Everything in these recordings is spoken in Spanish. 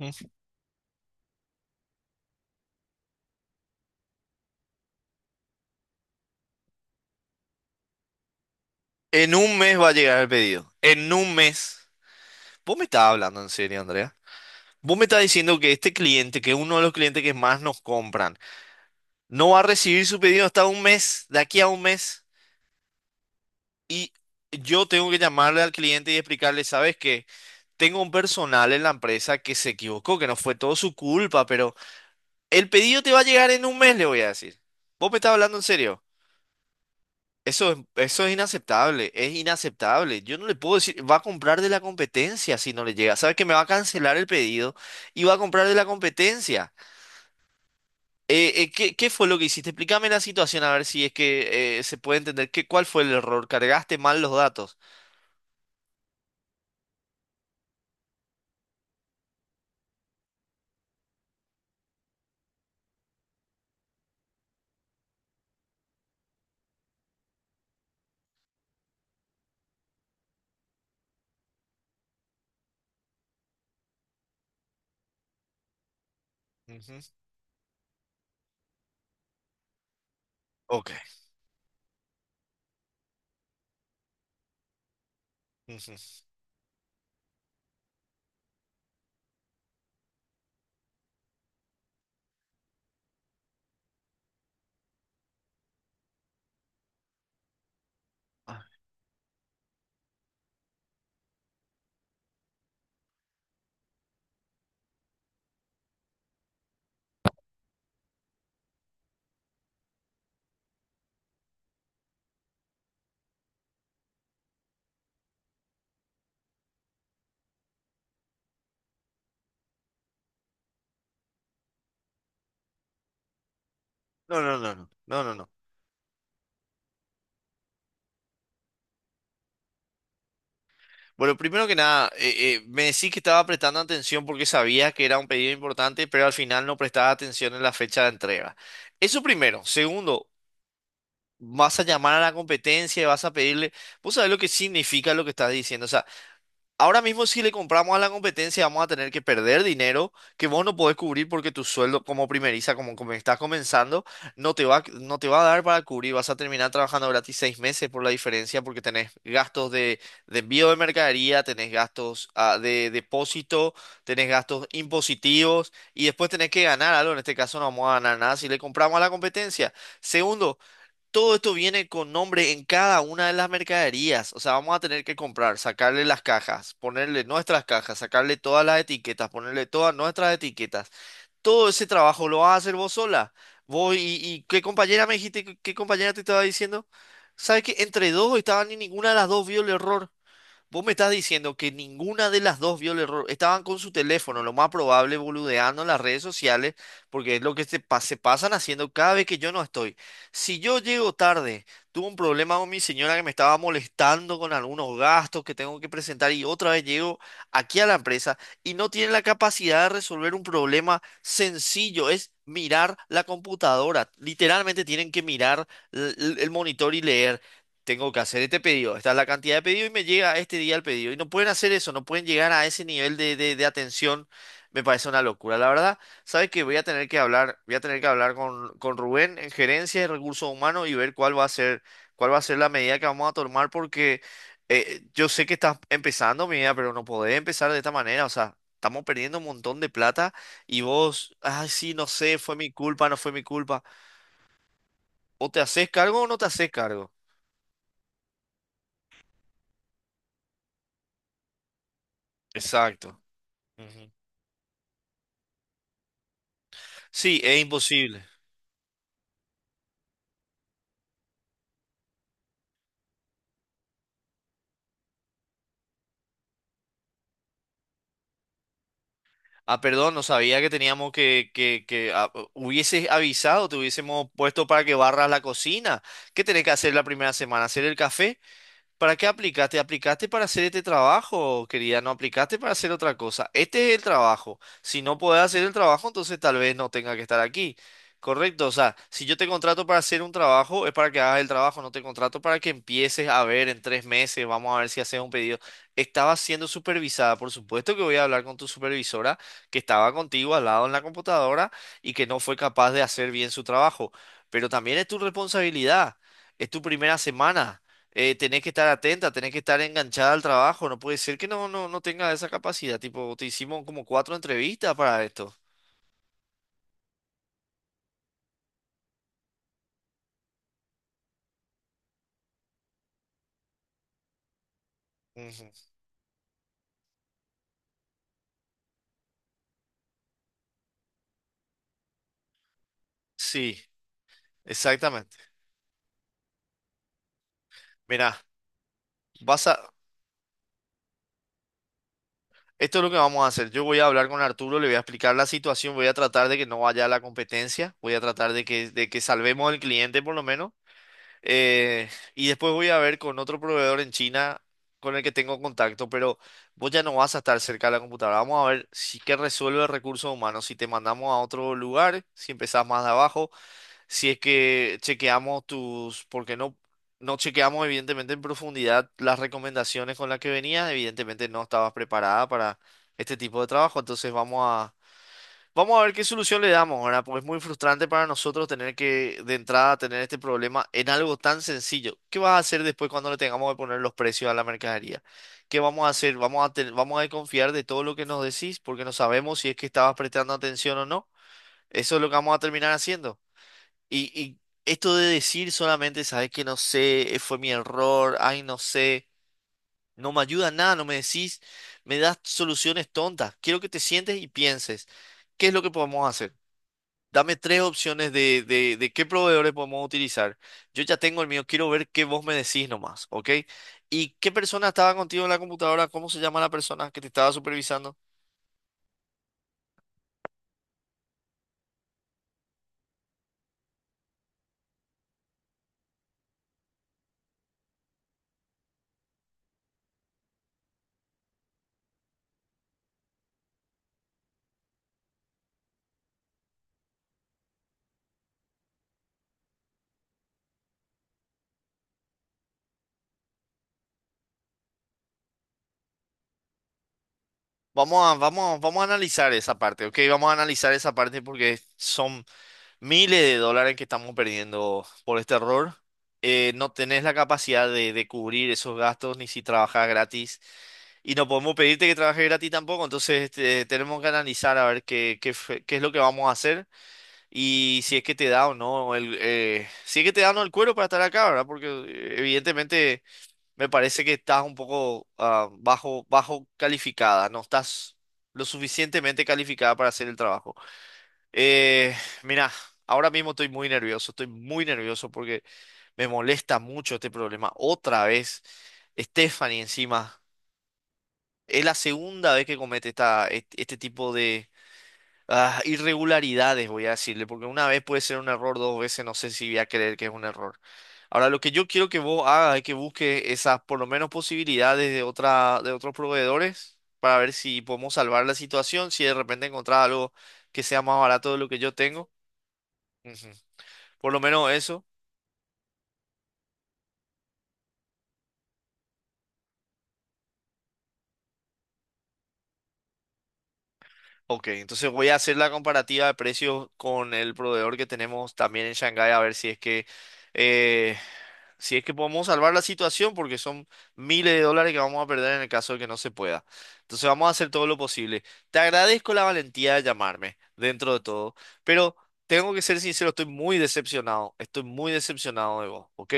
Mm. En un mes va a llegar el pedido. En un mes. Vos me estás hablando en serio, Andrea. Vos me estás diciendo que este cliente, que es uno de los clientes que más nos compran, no va a recibir su pedido hasta un mes, de aquí a un mes. Y yo tengo que llamarle al cliente y explicarle, ¿sabes qué? Tengo un personal en la empresa que se equivocó, que no fue todo su culpa, pero el pedido te va a llegar en un mes, le voy a decir. ¿Vos me estás hablando en serio? Eso es inaceptable, es inaceptable. Yo no le puedo decir, va a comprar de la competencia si no le llega. Sabe que me va a cancelar el pedido y va a comprar de la competencia. ¿Qué fue lo que hiciste? Explícame la situación a ver si es que se puede entender cuál fue el error. ¿Cargaste mal los datos? Ujú. Ok. Ujú. Ah. No, no, no, no, no, no, no. Bueno, primero que nada, me decís que estaba prestando atención porque sabía que era un pedido importante, pero al final no prestaba atención en la fecha de entrega. Eso primero. Segundo, vas a llamar a la competencia y vas a pedirle, vos sabés lo que significa lo que estás diciendo. O sea, ahora mismo si le compramos a la competencia vamos a tener que perder dinero que vos no podés cubrir porque tu sueldo como primeriza, como estás comenzando, no te va a dar para cubrir. Vas a terminar trabajando gratis seis meses por la diferencia porque tenés gastos de envío de mercadería, tenés gastos de depósito, tenés gastos impositivos y después tenés que ganar algo. En este caso no vamos a ganar nada si le compramos a la competencia. Segundo, todo esto viene con nombre en cada una de las mercaderías. O sea, vamos a tener que comprar, sacarle las cajas, ponerle nuestras cajas, sacarle todas las etiquetas, ponerle todas nuestras etiquetas. Todo ese trabajo lo vas a hacer vos sola. Vos y qué compañera me dijiste, qué compañera te estaba diciendo. ¿Sabes qué? Entre dos estaban y ninguna de las dos vio el error. Vos me estás diciendo que ninguna de las dos vio el error. Estaban con su teléfono, lo más probable, boludeando en las redes sociales, porque es lo que se pasan haciendo cada vez que yo no estoy. Si yo llego tarde, tuve un problema con mi señora que me estaba molestando con algunos gastos que tengo que presentar y otra vez llego aquí a la empresa y no tienen la capacidad de resolver un problema sencillo, es mirar la computadora. Literalmente tienen que mirar el monitor y leer tengo que hacer este pedido, esta es la cantidad de pedido y me llega este día el pedido. Y no pueden hacer eso, no pueden llegar a ese nivel de atención. Me parece una locura. La verdad, sabes que voy a tener que hablar, voy a tener que hablar con Rubén en gerencia de recursos humanos y ver cuál va a ser la medida que vamos a tomar, porque yo sé que estás empezando, mi vida, pero no podés empezar de esta manera. O sea, estamos perdiendo un montón de plata y vos, ay, sí, no sé, fue mi culpa, no fue mi culpa. O te haces cargo o no te haces cargo. Exacto. Ujú. Sí, es imposible. Perdón, no sabía que teníamos que hubieses avisado, te hubiésemos puesto para que barras la cocina. ¿Qué tenés que hacer la primera semana? ¿Hacer el café? ¿Para qué aplicaste? Aplicaste para hacer este trabajo, querida, no aplicaste para hacer otra cosa. Este es el trabajo. Si no podés hacer el trabajo, entonces tal vez no tenga que estar aquí. Correcto, o sea, si yo te contrato para hacer un trabajo, es para que hagas el trabajo, no te contrato para que empieces a ver en tres meses, vamos a ver si haces un pedido. Estaba siendo supervisada, por supuesto que voy a hablar con tu supervisora que estaba contigo al lado en la computadora y que no fue capaz de hacer bien su trabajo, pero también es tu responsabilidad, es tu primera semana. Tenés que estar atenta, tenés que estar enganchada al trabajo, no puede ser que no tenga esa capacidad, tipo, te hicimos como cuatro entrevistas para esto. Ujú. Sí, exactamente. Mirá, vas a, esto es lo que vamos a hacer. Yo voy a hablar con Arturo, le voy a explicar la situación, voy a tratar de que no vaya a la competencia, voy a tratar de que salvemos al cliente por lo menos. Eh, y después voy a ver con otro proveedor en China con el que tengo contacto, pero vos ya no vas a estar cerca de la computadora. Vamos a ver si que resuelve recursos humanos, si te mandamos a otro lugar, si empezás más de abajo, si es que chequeamos tus, porque no chequeamos evidentemente en profundidad las recomendaciones con las que venías, evidentemente no estabas preparada para este tipo de trabajo, entonces Vamos a ver qué solución le damos, ¿verdad? Porque es muy frustrante para nosotros tener que, de entrada, tener este problema en algo tan sencillo. ¿Qué vas a hacer después cuando le tengamos que poner los precios a la mercadería? ¿Qué vamos a hacer? ¿Vamos a desconfiar de todo lo que nos decís porque no sabemos si es que estabas prestando atención o no? Eso es lo que vamos a terminar haciendo. Y esto de decir solamente, sabes que no sé, fue mi error, ay, no sé, no me ayuda en nada, no me decís, me das soluciones tontas. Quiero que te sientes y pienses, ¿qué es lo que podemos hacer? Dame tres opciones de qué proveedores podemos utilizar. Yo ya tengo el mío, quiero ver qué vos me decís nomás, ¿ok? ¿Y qué persona estaba contigo en la computadora? ¿Cómo se llama la persona que te estaba supervisando? Vamos a analizar esa parte, ¿ok? Vamos a analizar esa parte porque son miles de dólares que estamos perdiendo por este error. No tenés la capacidad de cubrir esos gastos ni si trabajas gratis. Y no podemos pedirte que trabajes gratis tampoco. Entonces, este, tenemos que analizar a ver qué es lo que vamos a hacer. Y si es que te da o no el, si es que te da o no el cuero para estar acá, ¿verdad? Porque evidentemente me parece que estás un poco bajo calificada, no estás lo suficientemente calificada para hacer el trabajo. Eh, Mira, ahora mismo estoy muy nervioso porque me molesta mucho este problema. Otra vez, Stephanie encima, es la segunda vez que comete este tipo irregularidades, voy a decirle, porque una vez puede ser un error, dos veces no sé si voy a creer que es un error. Ahora, lo que yo quiero que vos hagas es que busques esas, por lo menos, posibilidades de otros proveedores para ver si podemos salvar la situación, si de repente encontrar algo que sea más barato de lo que yo tengo. Ujú. Por lo menos eso. Ok, entonces voy a hacer la comparativa de precios con el proveedor que tenemos también en Shanghái a ver eh, si es que podemos salvar la situación porque son miles de dólares que vamos a perder en el caso de que no se pueda. Entonces vamos a hacer todo lo posible. Te agradezco la valentía de llamarme dentro de todo, pero tengo que ser sincero, estoy muy decepcionado de vos, ¿ok?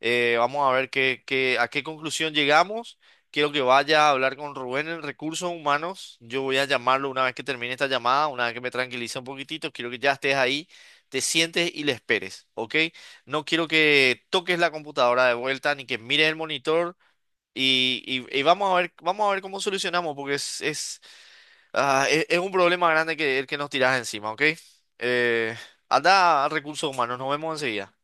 Vamos a ver qué, a qué conclusión llegamos. Quiero que vaya a hablar con Rubén en Recursos Humanos. Yo voy a llamarlo una vez que termine esta llamada, una vez que me tranquilice un poquitito. Quiero que ya estés ahí, te sientes y le esperes, ¿ok? No quiero que toques la computadora de vuelta ni que mires el monitor. Y vamos a ver cómo solucionamos, porque es un problema grande el que nos tiras encima, ¿ok? Eh, Anda a Recursos Humanos, nos vemos enseguida.